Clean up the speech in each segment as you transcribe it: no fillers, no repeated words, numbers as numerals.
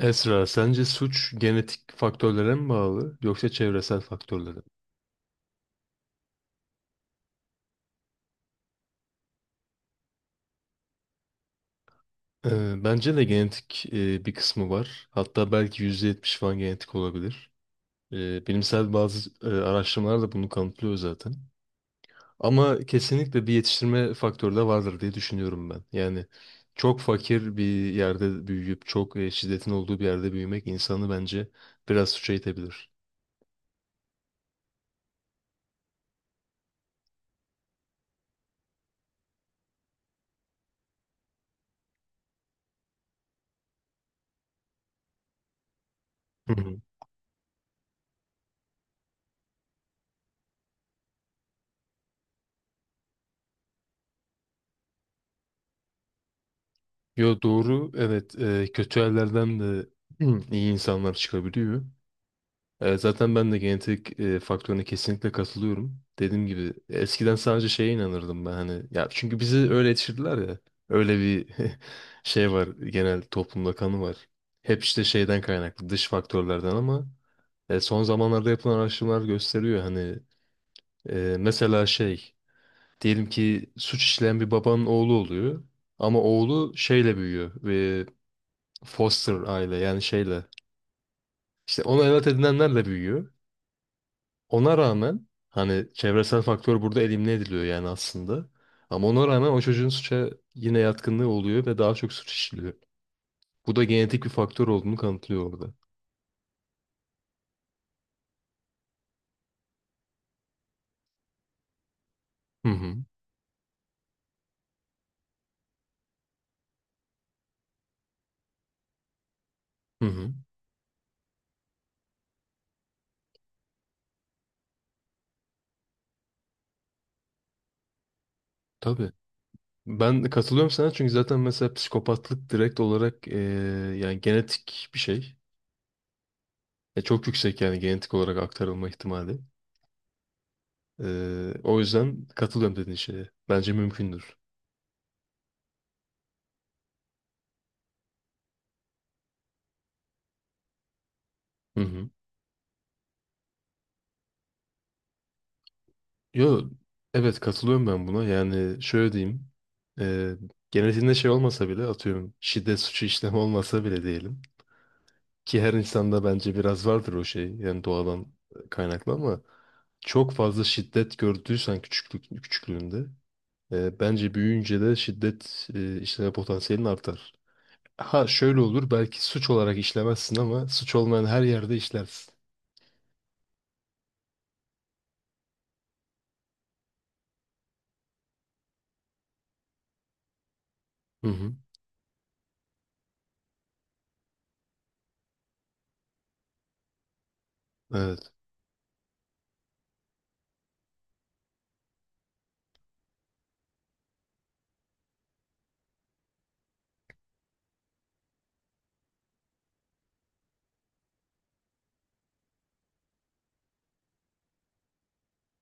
Esra, sence suç genetik faktörlere mi bağlı yoksa çevresel faktörlere mi? Bence de genetik bir kısmı var. Hatta belki %70 falan genetik olabilir. Bilimsel bazı araştırmalar da bunu kanıtlıyor zaten. Ama kesinlikle bir yetiştirme faktörü de vardır diye düşünüyorum ben. Yani çok fakir bir yerde büyüyüp çok şiddetin olduğu bir yerde büyümek insanı bence biraz suça itebilir. Hı hı. Yo, doğru, evet, kötü yerlerden de iyi insanlar çıkabiliyor. Evet, zaten ben de genetik faktörüne kesinlikle katılıyorum. Dediğim gibi eskiden sadece şeye inanırdım ben, hani ya, çünkü bizi öyle yetiştirdiler ya. Öyle bir şey var, genel toplumda kanı var. Hep işte şeyden kaynaklı, dış faktörlerden, ama son zamanlarda yapılan araştırmalar gösteriyor hani, mesela şey, diyelim ki suç işleyen bir babanın oğlu oluyor ama oğlu şeyle büyüyor ve foster aile, yani şeyle, işte ona evlat edinenlerle büyüyor. Ona rağmen hani çevresel faktör burada elimine ediliyor yani aslında. Ama ona rağmen o çocuğun suça yine yatkınlığı oluyor ve daha çok suç işliyor. Bu da genetik bir faktör olduğunu kanıtlıyor orada. Hı hı. Hı hı. Tabii. Ben de katılıyorum sana, çünkü zaten mesela psikopatlık direkt olarak yani genetik bir şey. Çok yüksek yani genetik olarak aktarılma ihtimali. O yüzden katılıyorum dediğin şeye. Bence mümkündür. Hı hı. Yo, evet, katılıyorum ben buna. Yani şöyle diyeyim. E, Genetiğinde şey olmasa bile, atıyorum şiddet suçu işlemi olmasa bile diyelim. Ki her insanda bence biraz vardır o şey. Yani doğadan kaynaklı, ama çok fazla şiddet gördüysen küçüklüğünde, bence büyüyünce de şiddet işleme potansiyelin artar. Ha, şöyle olur, belki suç olarak işlemezsin ama suç olmayan her yerde işlersin. Hı hı. Evet.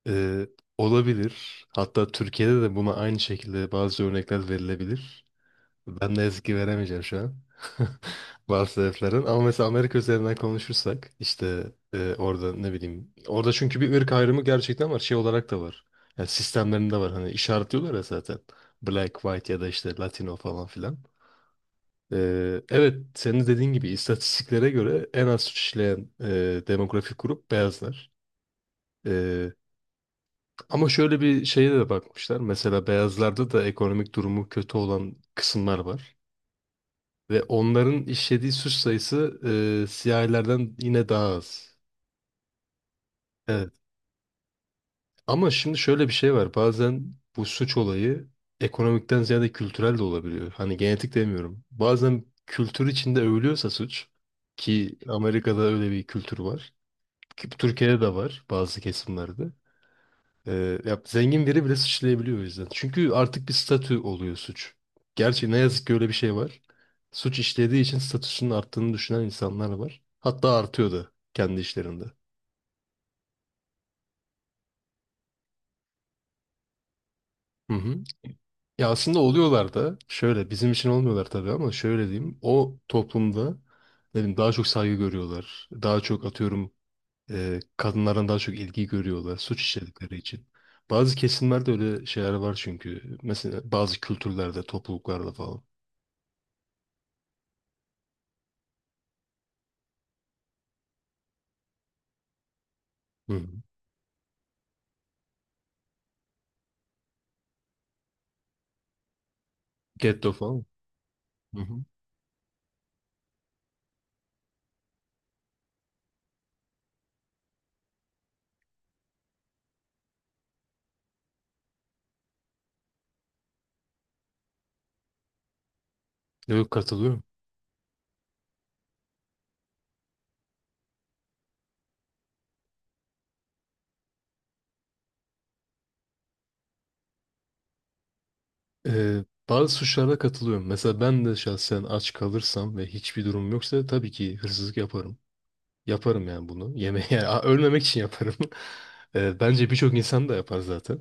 Ee, Olabilir. Hatta Türkiye'de de buna aynı şekilde bazı örnekler verilebilir. Ben ne yazık ki veremeyeceğim şu an. Bazı sebeplerden. Ama mesela Amerika üzerinden konuşursak, işte orada ne bileyim. Orada çünkü bir ırk ayrımı gerçekten var. Şey olarak da var. Yani sistemlerinde var. Hani işaretliyorlar ya zaten. Black, white ya da işte Latino falan filan. Evet, senin dediğin gibi istatistiklere göre en az işleyen demografik grup beyazlar. Ama şöyle bir şeye de bakmışlar. Mesela beyazlarda da ekonomik durumu kötü olan kısımlar var. Ve onların işlediği suç sayısı siyahilerden yine daha az. Evet. Ama şimdi şöyle bir şey var. Bazen bu suç olayı ekonomikten ziyade kültürel de olabiliyor. Hani genetik demiyorum. Bazen kültür içinde övülüyorsa suç, ki Amerika'da öyle bir kültür var, ki Türkiye'de de var bazı kesimlerde. Ya zengin biri bile suçlayabiliyor o yüzden. Çünkü artık bir statü oluyor suç. Gerçi ne yazık ki öyle bir şey var. Suç işlediği için statüsünün arttığını düşünen insanlar var. Hatta artıyor da kendi işlerinde. Hı hı. Ya aslında oluyorlar da, şöyle bizim için olmuyorlar tabii, ama şöyle diyeyim. O toplumda, ne bileyim, daha çok saygı görüyorlar. Daha çok, atıyorum, kadınlardan daha çok ilgi görüyorlar suç işledikleri için. Bazı kesimlerde öyle şeyler var çünkü. Mesela bazı kültürlerde, topluluklarda falan. Hı. Getto falan. Hı hı. Yok, katılıyorum. Ee, Bazı suçlarda katılıyorum. Mesela ben de şahsen aç kalırsam ve hiçbir durum yoksa tabii ki hırsızlık yaparım. Yaparım yani bunu. Yemeğe yani, ölmemek için yaparım. Bence birçok insan da yapar zaten.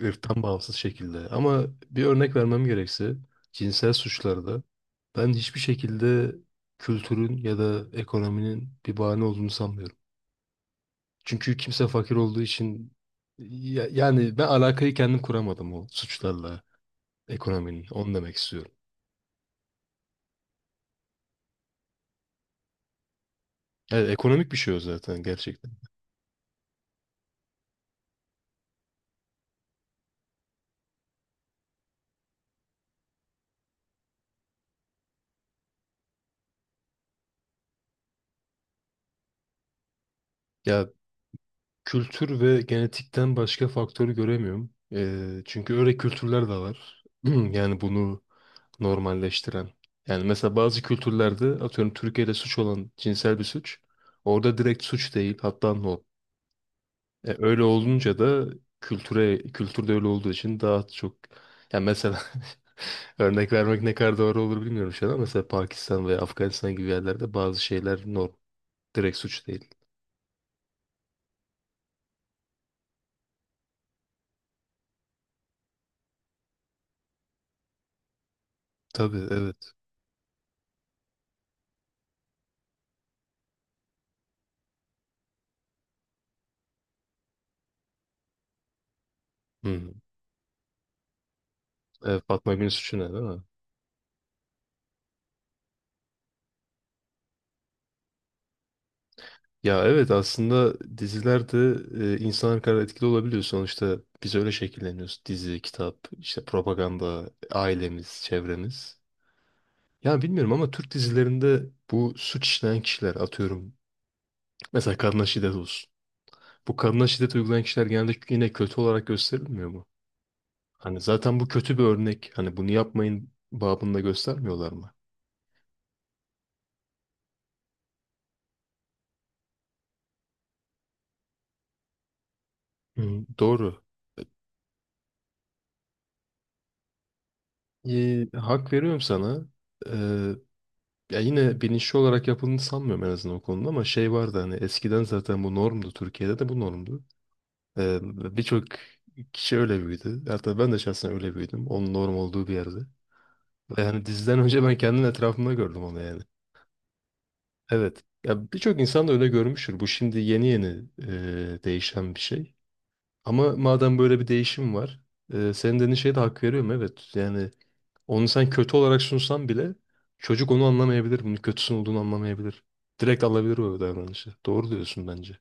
Irktan bağımsız şekilde. Ama bir örnek vermem gerekse, cinsel suçlarda ben hiçbir şekilde kültürün ya da ekonominin bir bahane olduğunu sanmıyorum. Çünkü kimse fakir olduğu için yani ben alakayı kendim kuramadım o suçlarla ekonominin. Onu demek istiyorum. Evet, ekonomik bir şey o zaten gerçekten. Ya, kültür ve genetikten başka faktörü göremiyorum. Çünkü öyle kültürler de var. Yani bunu normalleştiren. Yani mesela bazı kültürlerde, atıyorum Türkiye'de suç olan cinsel bir suç, orada direkt suç değil, hatta norm. Öyle olunca da kültürde öyle olduğu için daha çok, yani mesela örnek vermek ne kadar doğru olur bilmiyorum şu an, ama mesela Pakistan veya Afganistan gibi yerlerde bazı şeyler norm. Direkt suç değil. Tabii, evet. Hı. Evet, Fatma Gül'ün Suçu Ne değil mi? Ya evet, aslında dizilerde insanlar kadar etkili olabiliyor. Sonuçta biz öyle şekilleniyoruz. Dizi, kitap, işte propaganda, ailemiz, çevremiz. Ya bilmiyorum, ama Türk dizilerinde bu suç işleyen kişiler, atıyorum, mesela kadına şiddet olsun, bu kadına şiddet uygulayan kişiler genelde yine kötü olarak gösterilmiyor mu? Hani zaten bu kötü bir örnek. Hani bunu yapmayın babında göstermiyorlar mı? Hı, doğru. Hak veriyorum sana. Ee, Ya yine bilinçli olarak yapıldığını sanmıyorum en azından o konuda, ama şey vardı, hani eskiden zaten bu normdu. Türkiye'de de bu normdu. Ee, Birçok kişi öyle büyüdü. Hatta ben de şahsen öyle büyüdüm. Onun norm olduğu bir yerde. Ve hani diziden önce ben kendim etrafımda gördüm onu yani. Evet. Ya birçok insan da öyle görmüştür. Bu şimdi yeni yeni değişen bir şey. Ama madem böyle bir değişim var, senin dediğin şeye de hak veriyorum, evet. Yani onu sen kötü olarak sunsan bile çocuk onu anlamayabilir. Bunun kötüsün olduğunu anlamayabilir. Direkt alabilir o davranışı. Doğru diyorsun bence.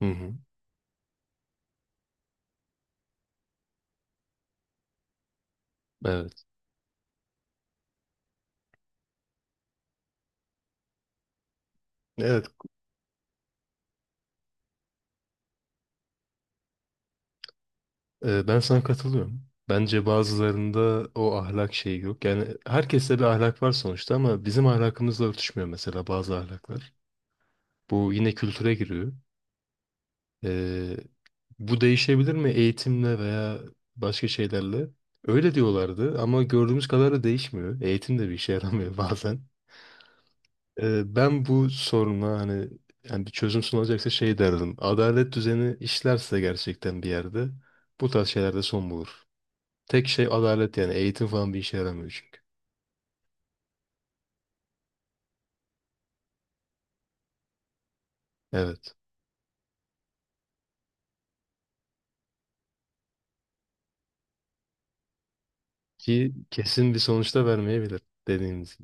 Hı hı. Evet. Evet. Ben sana katılıyorum. Bence bazılarında o ahlak şeyi yok. Yani herkeste bir ahlak var sonuçta, ama bizim ahlakımızla örtüşmüyor mesela bazı ahlaklar. Bu yine kültüre giriyor. Ee, bu değişebilir mi eğitimle veya başka şeylerle? Öyle diyorlardı, ama gördüğümüz kadarıyla değişmiyor. Eğitim de bir işe yaramıyor bazen. Ben bu soruna, hani yani bir çözüm sunulacaksa, şey derdim. Adalet düzeni işlerse gerçekten bir yerde bu tarz şeylerde son bulur. Tek şey adalet, yani eğitim falan bir işe yaramıyor çünkü. Evet. Ki kesin bir sonuçta vermeyebilir dediğimiz